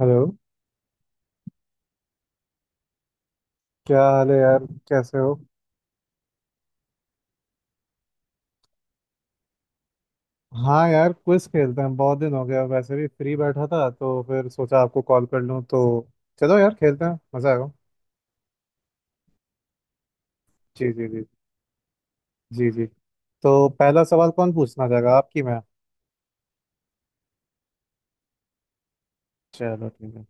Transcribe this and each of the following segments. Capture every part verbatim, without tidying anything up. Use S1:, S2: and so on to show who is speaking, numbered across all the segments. S1: Hello. क्या हाल है यार, कैसे हो? हाँ यार, क्विज खेलते हैं, बहुत दिन हो गया। वैसे भी फ्री बैठा था तो फिर सोचा आपको कॉल कर लूँ तो। चलो यार, खेलते हैं, मज़ा आएगा। जी, जी, जी, जी, जी। तो पहला सवाल कौन पूछना चाहेगा, आपकी मैं? चलो ठीक है।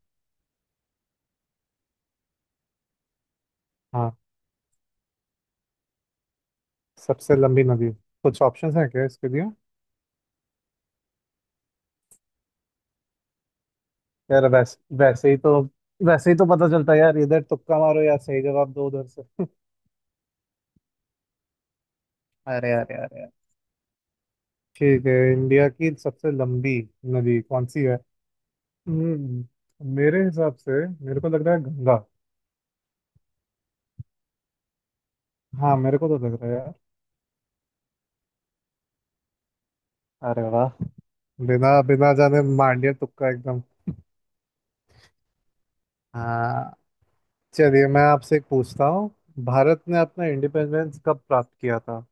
S1: हाँ। सबसे लंबी नदी। कुछ ऑप्शंस हैं क्या इसके लिए? यार वैसे वैसे ही तो वैसे ही तो पता चलता है यार, इधर तुक्का मारो यार, सही जवाब दो उधर से। अरे, अरे, अरे, अरे। ठीक है, इंडिया की सबसे लंबी नदी कौन सी है? हम्म मेरे हिसाब से मेरे को लग रहा है गंगा। हाँ, मेरे को तो लग रहा है यार। अरे वाह! बिना बिना जाने मान लिया, तुक्का एकदम। हाँ। चलिए, मैं आपसे एक पूछता हूँ। भारत ने अपना इंडिपेंडेंस कब प्राप्त किया था?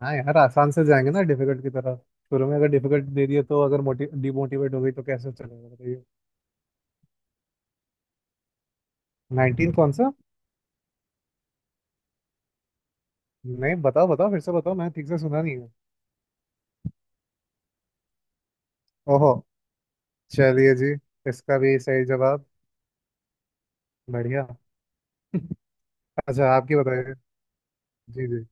S1: हाँ यार, आसान से जाएंगे ना डिफिकल्ट की तरफ। शुरू में अगर डिफिकल्ट दे दिए तो, अगर मोटिव डिमोटिवेट हो गई तो कैसे चलेगा, बताइए। नाइनटीन कौन सा? नहीं, बताओ, बताओ फिर से बताओ, मैंने ठीक से सुना नहीं है। ओहो। चलिए जी। इसका भी सही जवाब। बढ़िया। अच्छा, आपकी बताइए। जी, जी।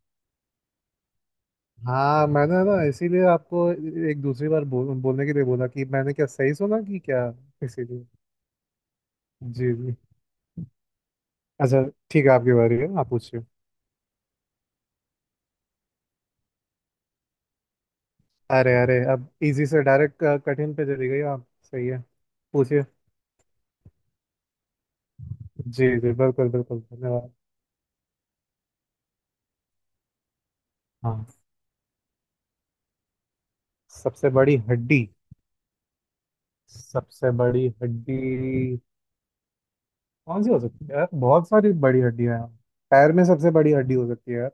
S1: हाँ, मैंने ना इसीलिए आपको एक दूसरी बार बोल, बोलने के लिए बोला कि मैंने क्या सही सुना कि क्या, इसीलिए। जी, जी। अच्छा। ठीक है, आपकी बारी है, आप पूछिए। अरे, अरे, अब इजी से डायरेक्ट कठिन पे चली गई आप, सही है, पूछिए। जी, जी, बिल्कुल बिल्कुल, धन्यवाद। हाँ, सबसे बड़ी हड्डी। सबसे बड़ी हड्डी कौन सी हो सकती है यार, बहुत सारी बड़ी हड्डियां हैं। पैर में सबसे बड़ी हड्डी हो सकती है यार।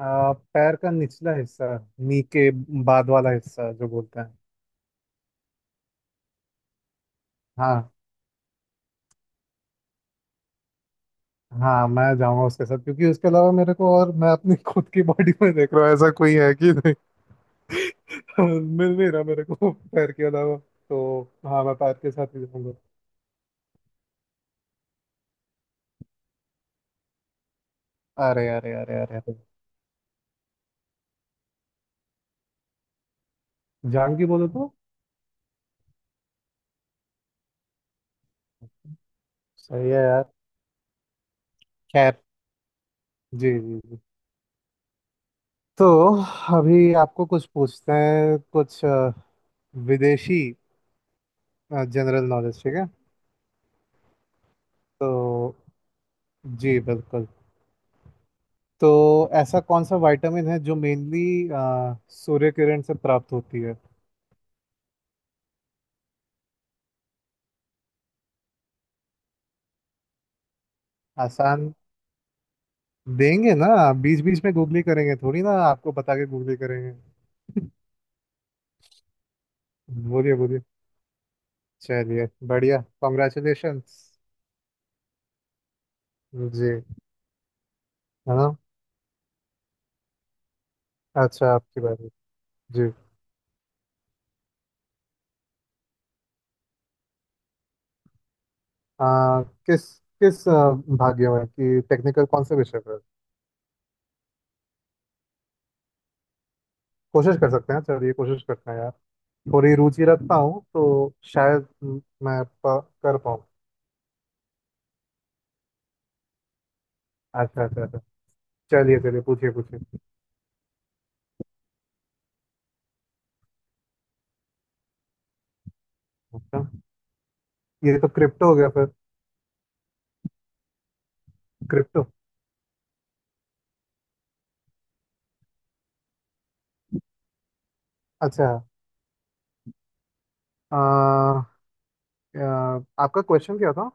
S1: आ, पैर का निचला हिस्सा, नी के बाद वाला हिस्सा जो बोलते हैं। हाँ। हाँ, मैं जाऊंगा उसके साथ, क्योंकि उसके अलावा मेरे को और मैं अपनी खुद की बॉडी में देख रहा हूँ ऐसा कोई है कि नहीं। मिल नहीं रहा मेरे को पैर के अलावा तो। हाँ, मैं पैर के साथ ही जाऊंगा। अरे, अरे, अरे, अरे, अरे। जान की बोले तो? सही है यार। खैर। जी, जी, जी। तो अभी आपको कुछ पूछते हैं, कुछ अ, विदेशी जनरल नॉलेज, ठीक है। तो जी बिल्कुल। तो ऐसा कौन सा विटामिन है जो मेनली सूर्य किरण से प्राप्त होती है? आसान? देंगे ना, बीच बीच में गूगली करेंगे थोड़ी ना आपको बता के गूगली करेंगे। बोलिए, बोलिए। चलिए, बढ़िया, कॉन्ग्रेचुलेशंस। जी, है ना? अच्छा, आपकी बारी। जी। आ, किस किस, आ, भाग्य में कि टेक्निकल कौन से विषय पर? कोशिश कर सकते हैं, चलिए कोशिश करते हैं यार। थोड़ी रुचि रखता हूँ तो शायद म, मैं प, कर पाऊँ। अच्छा, अच्छा, अच्छा। चलिए, चलिए, पूछिए, पूछिए। अच्छा, ये तो क्रिप्टो हो गया फिर। क्रिप्टो। अच्छा, आ, अ, आपका क्वेश्चन क्या था?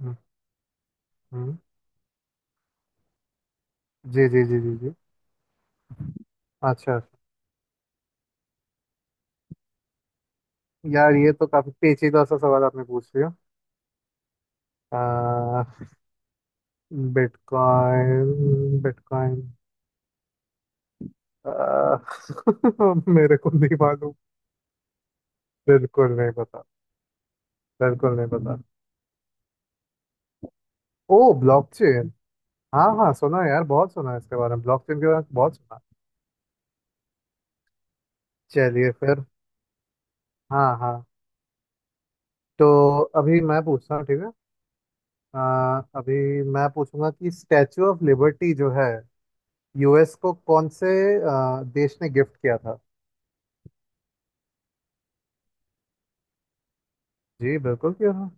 S1: हम्म। हम्म। जी, जी, जी, जी, जी। अच्छा, अच्छा। यार, ये तो काफी पेचीदा सा सवाल आपने पूछ लिया। Bitcoin, bitcoin. मेरे को नहीं मालूम। बिल्कुल नहीं पता। बिल्कुल नहीं पता। ओ, ब्लॉकचेन। हाँ, हाँ, सुना है यार, बहुत सुना है इसके बारे में, ब्लॉकचेन के बारे में बहुत सुना है। चलिए फिर। हाँ, हाँ। तो अभी मैं पूछता हूँ, ठीक है। अ, अभी मैं पूछूंगा कि स्टैचू ऑफ लिबर्टी जो है, यूएस को कौन से अ, देश ने गिफ्ट किया था? जी बिल्कुल किया था।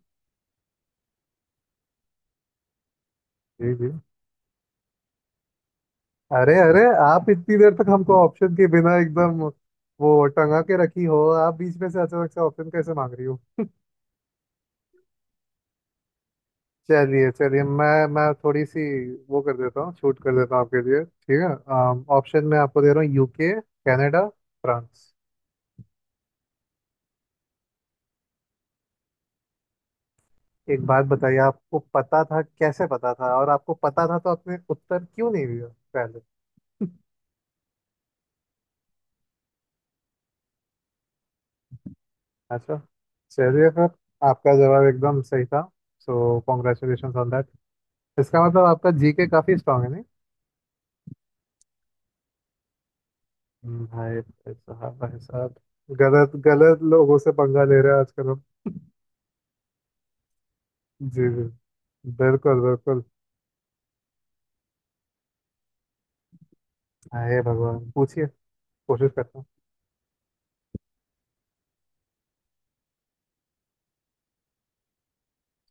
S1: जी, जी। अरे, अरे, आप इतनी देर तक हमको ऑप्शन के बिना एकदम वो टंगा के रखी हो। आप बीच में से अचानक से ऑप्शन कैसे मांग रही हो? चलिए, चलिए, मैं मैं थोड़ी सी वो कर देता हूँ, छूट कर देता हूँ आपके लिए, ठीक है। ऑप्शन में आपको दे रहा हूँ: यूके, कनाडा, फ्रांस। एक बात बताइए, आपको पता था? कैसे पता था? और आपको पता था तो आपने उत्तर क्यों नहीं दिया? अच्छा। चलिए फिर। आपका जवाब एकदम सही था। सो कॉन्ग्रेचुलेशन ऑन दैट। इसका मतलब आपका जीके काफी स्ट्रांग है, नहीं? हम्म, भाई, भाई साहब, भाई साहब। गलत गलत लोगों से पंगा ले रहे हैं आजकल हम। जी, जी, बिल्कुल, बिल्कुल। अरे भगवान, पूछिए। कोशिश करता हूँ।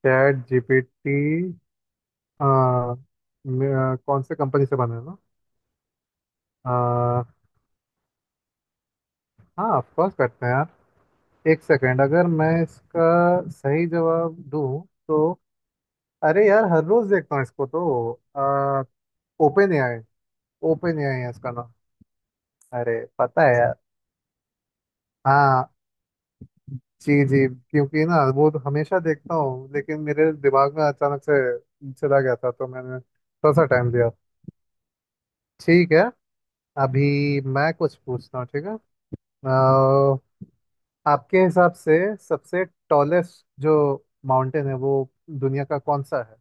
S1: Chat GPT. हाँ। मे- आ, कौन से कंपनी से बना है ना? आ, हाँ, ऑफ कोर्स करते हैं यार। एक सेकेंड, अगर मैं इसका सही जवाब दूँ तो। अरे यार, हर रोज देखता हूँ इसको तो, आ, ओपन एआई। ओपन एआई है इसका नाम। अरे पता है यार। हाँ। जी, जी, क्योंकि ना वो तो हमेशा देखता हूँ, लेकिन मेरे दिमाग में अचानक से चला गया था तो मैंने थोड़ा सा टाइम दिया। ठीक है। अभी मैं कुछ पूछता हूँ, ठीक है। आ, आपके हिसाब से सबसे टॉलेस्ट जो माउंटेन है वो दुनिया का कौन सा है?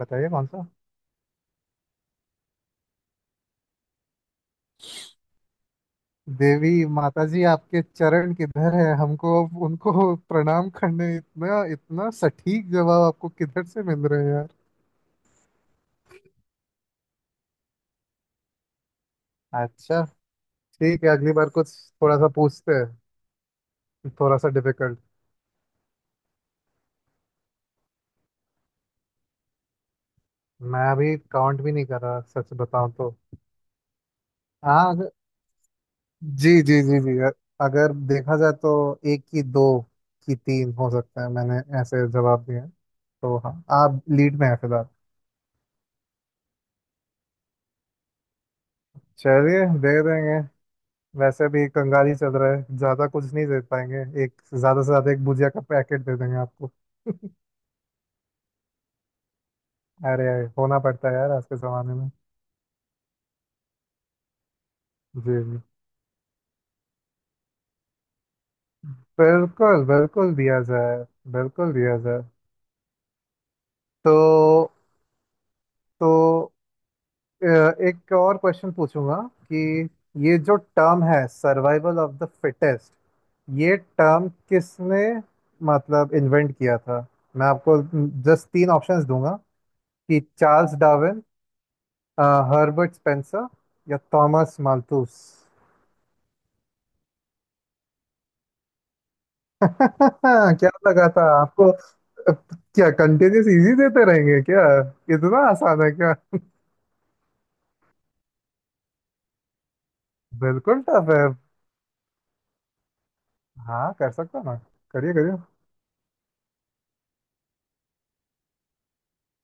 S1: बताइए कौन सा। देवी माता जी, आपके चरण किधर है, हमको अब उनको प्रणाम करने, इतना इतना सटीक जवाब आपको किधर से मिल रहे हैं यार? अच्छा। ठीक है, अगली बार कुछ थोड़ा सा पूछते हैं, थोड़ा सा डिफिकल्ट। मैं अभी काउंट भी नहीं कर रहा, सच बताऊं तो। हाँ, अगर- जी, जी, जी, जी। अ- अगर देखा जाए तो एक की दो की तीन हो सकता है मैंने ऐसे जवाब दिए हैं। तो हाँ, आप लीड में हैं फिलहाल। चलिए, दे देंगे। वैसे भी कंगाली चल रहा है, ज्यादा कुछ नहीं दे पाएंगे। एक, ज्यादा से ज्यादा एक भुजिया का पैकेट दे देंगे आपको। अरे, अरे, होना पड़ता है यार आज के जमाने में। जी, जी, बिल्कुल, बिल्कुल दिया जाए, बिल्कुल दिया जाए। तो तो अ, एक और क्वेश्चन पूछूंगा कि ये जो टर्म है सर्वाइवल ऑफ द फिटेस्ट, ये टर्म किसने मतलब इन्वेंट किया था? मैं आपको जस्ट तीन ऑप्शंस दूंगा: कि चार्ल्स डार्विन, हर्बर्ट स्पेंसर, या थॉमस माल्थus। क्या लगा था आपको? क्या कंटिन्यूस इजी देते रहेंगे क्या? इतना आसान है क्या? बिल्कुल टफ है। हाँ, कर सकता हूँ ना। करिए, करिए।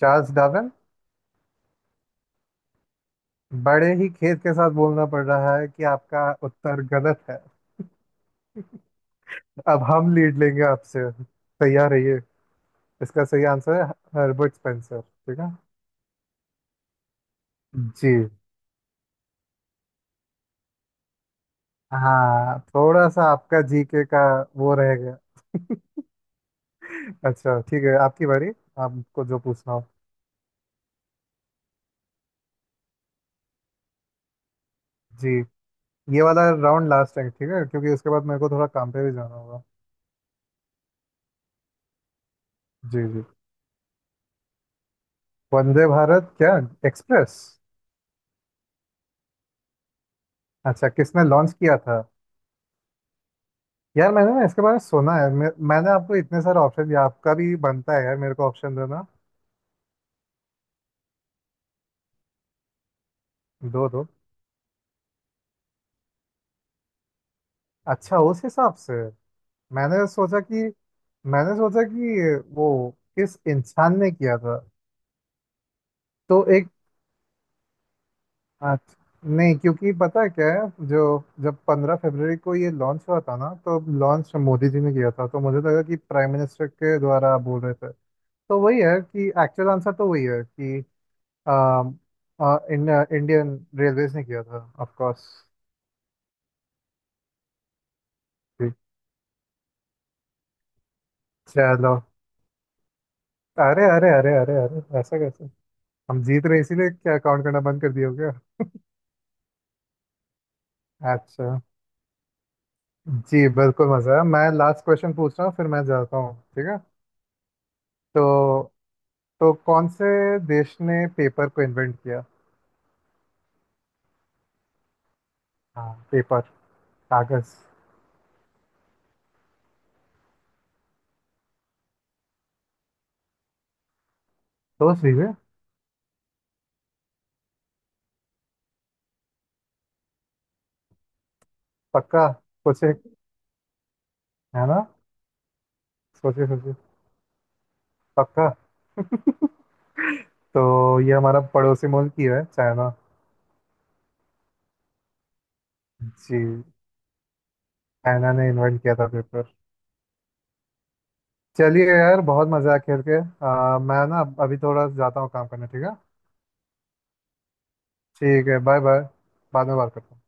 S1: Charles Darwin. बड़े ही खेद के साथ बोलना पड़ रहा है कि आपका उत्तर गलत है। अब हम लीड लेंगे आपसे, तैयार रहिए। इसका सही आंसर है हर्बर्ट स्पेंसर, ठीक है। जी। हाँ, थोड़ा सा आपका जीके का वो रहेगा। अच्छा ठीक है, आपकी बारी, आपको जो पूछना हो। जी। ये वाला राउंड लास्ट है, ठीक है, क्योंकि उसके बाद मेरे को थोड़ा काम पे भी जाना होगा। जी, जी। वंदे भारत क्या, एक्सप्रेस? अच्छा, किसने लॉन्च किया था? यार, मैंने ना इसके बारे में सुना है, मैं, मैंने आपको इतने सारे ऑप्शन दिया, आपका भी बनता है यार मेरे को ऑप्शन देना। दो, दो। अच्छा, उस हिसाब से मैंने सोचा कि मैंने सोचा कि वो किस इंसान ने किया था। तो एक। अच्छा नहीं, क्योंकि पता है क्या है जो, जब पंद्रह फरवरी को ये लॉन्च हुआ था ना, तो लॉन्च मोदी जी ने किया था, तो मुझे लगा कि प्राइम मिनिस्टर के द्वारा आप बोल रहे थे। तो वही है कि एक्चुअल आंसर तो वही है कि अम, अ, इन, इंडियन रेलवेज ने किया था ऑफ कोर्स। जी। चलो। अरे, अरे, अरे, अरे, अरे, ऐसा कैसे? हम जीत रहे इसीलिए क्या काउंट करना बंद कर दिया हो क्या? अच्छा। जी बिल्कुल, मजा है, मैं लास्ट क्वेश्चन पूछ रहा हूँ फिर मैं जाता हूँ, ठीक है। तो तो कौन से देश ने पेपर को इन्वेंट किया? हाँ, पेपर, कागज। सोच लीजिए। पक्का? सोचे? है ना, सोचे, सोचे। पक्का? तो ये हमारा पड़ोसी मुल्क ही है, चाइना। जी। चाइना ने इन्वेंट किया था पेपर। चलिए यार, बहुत मजा आया खेल के। आ, मैं ना अभी थोड़ा जाता हूँ काम करने, ठीक है। ठीक है, बाय, बाय। बाद में बात करता हूँ।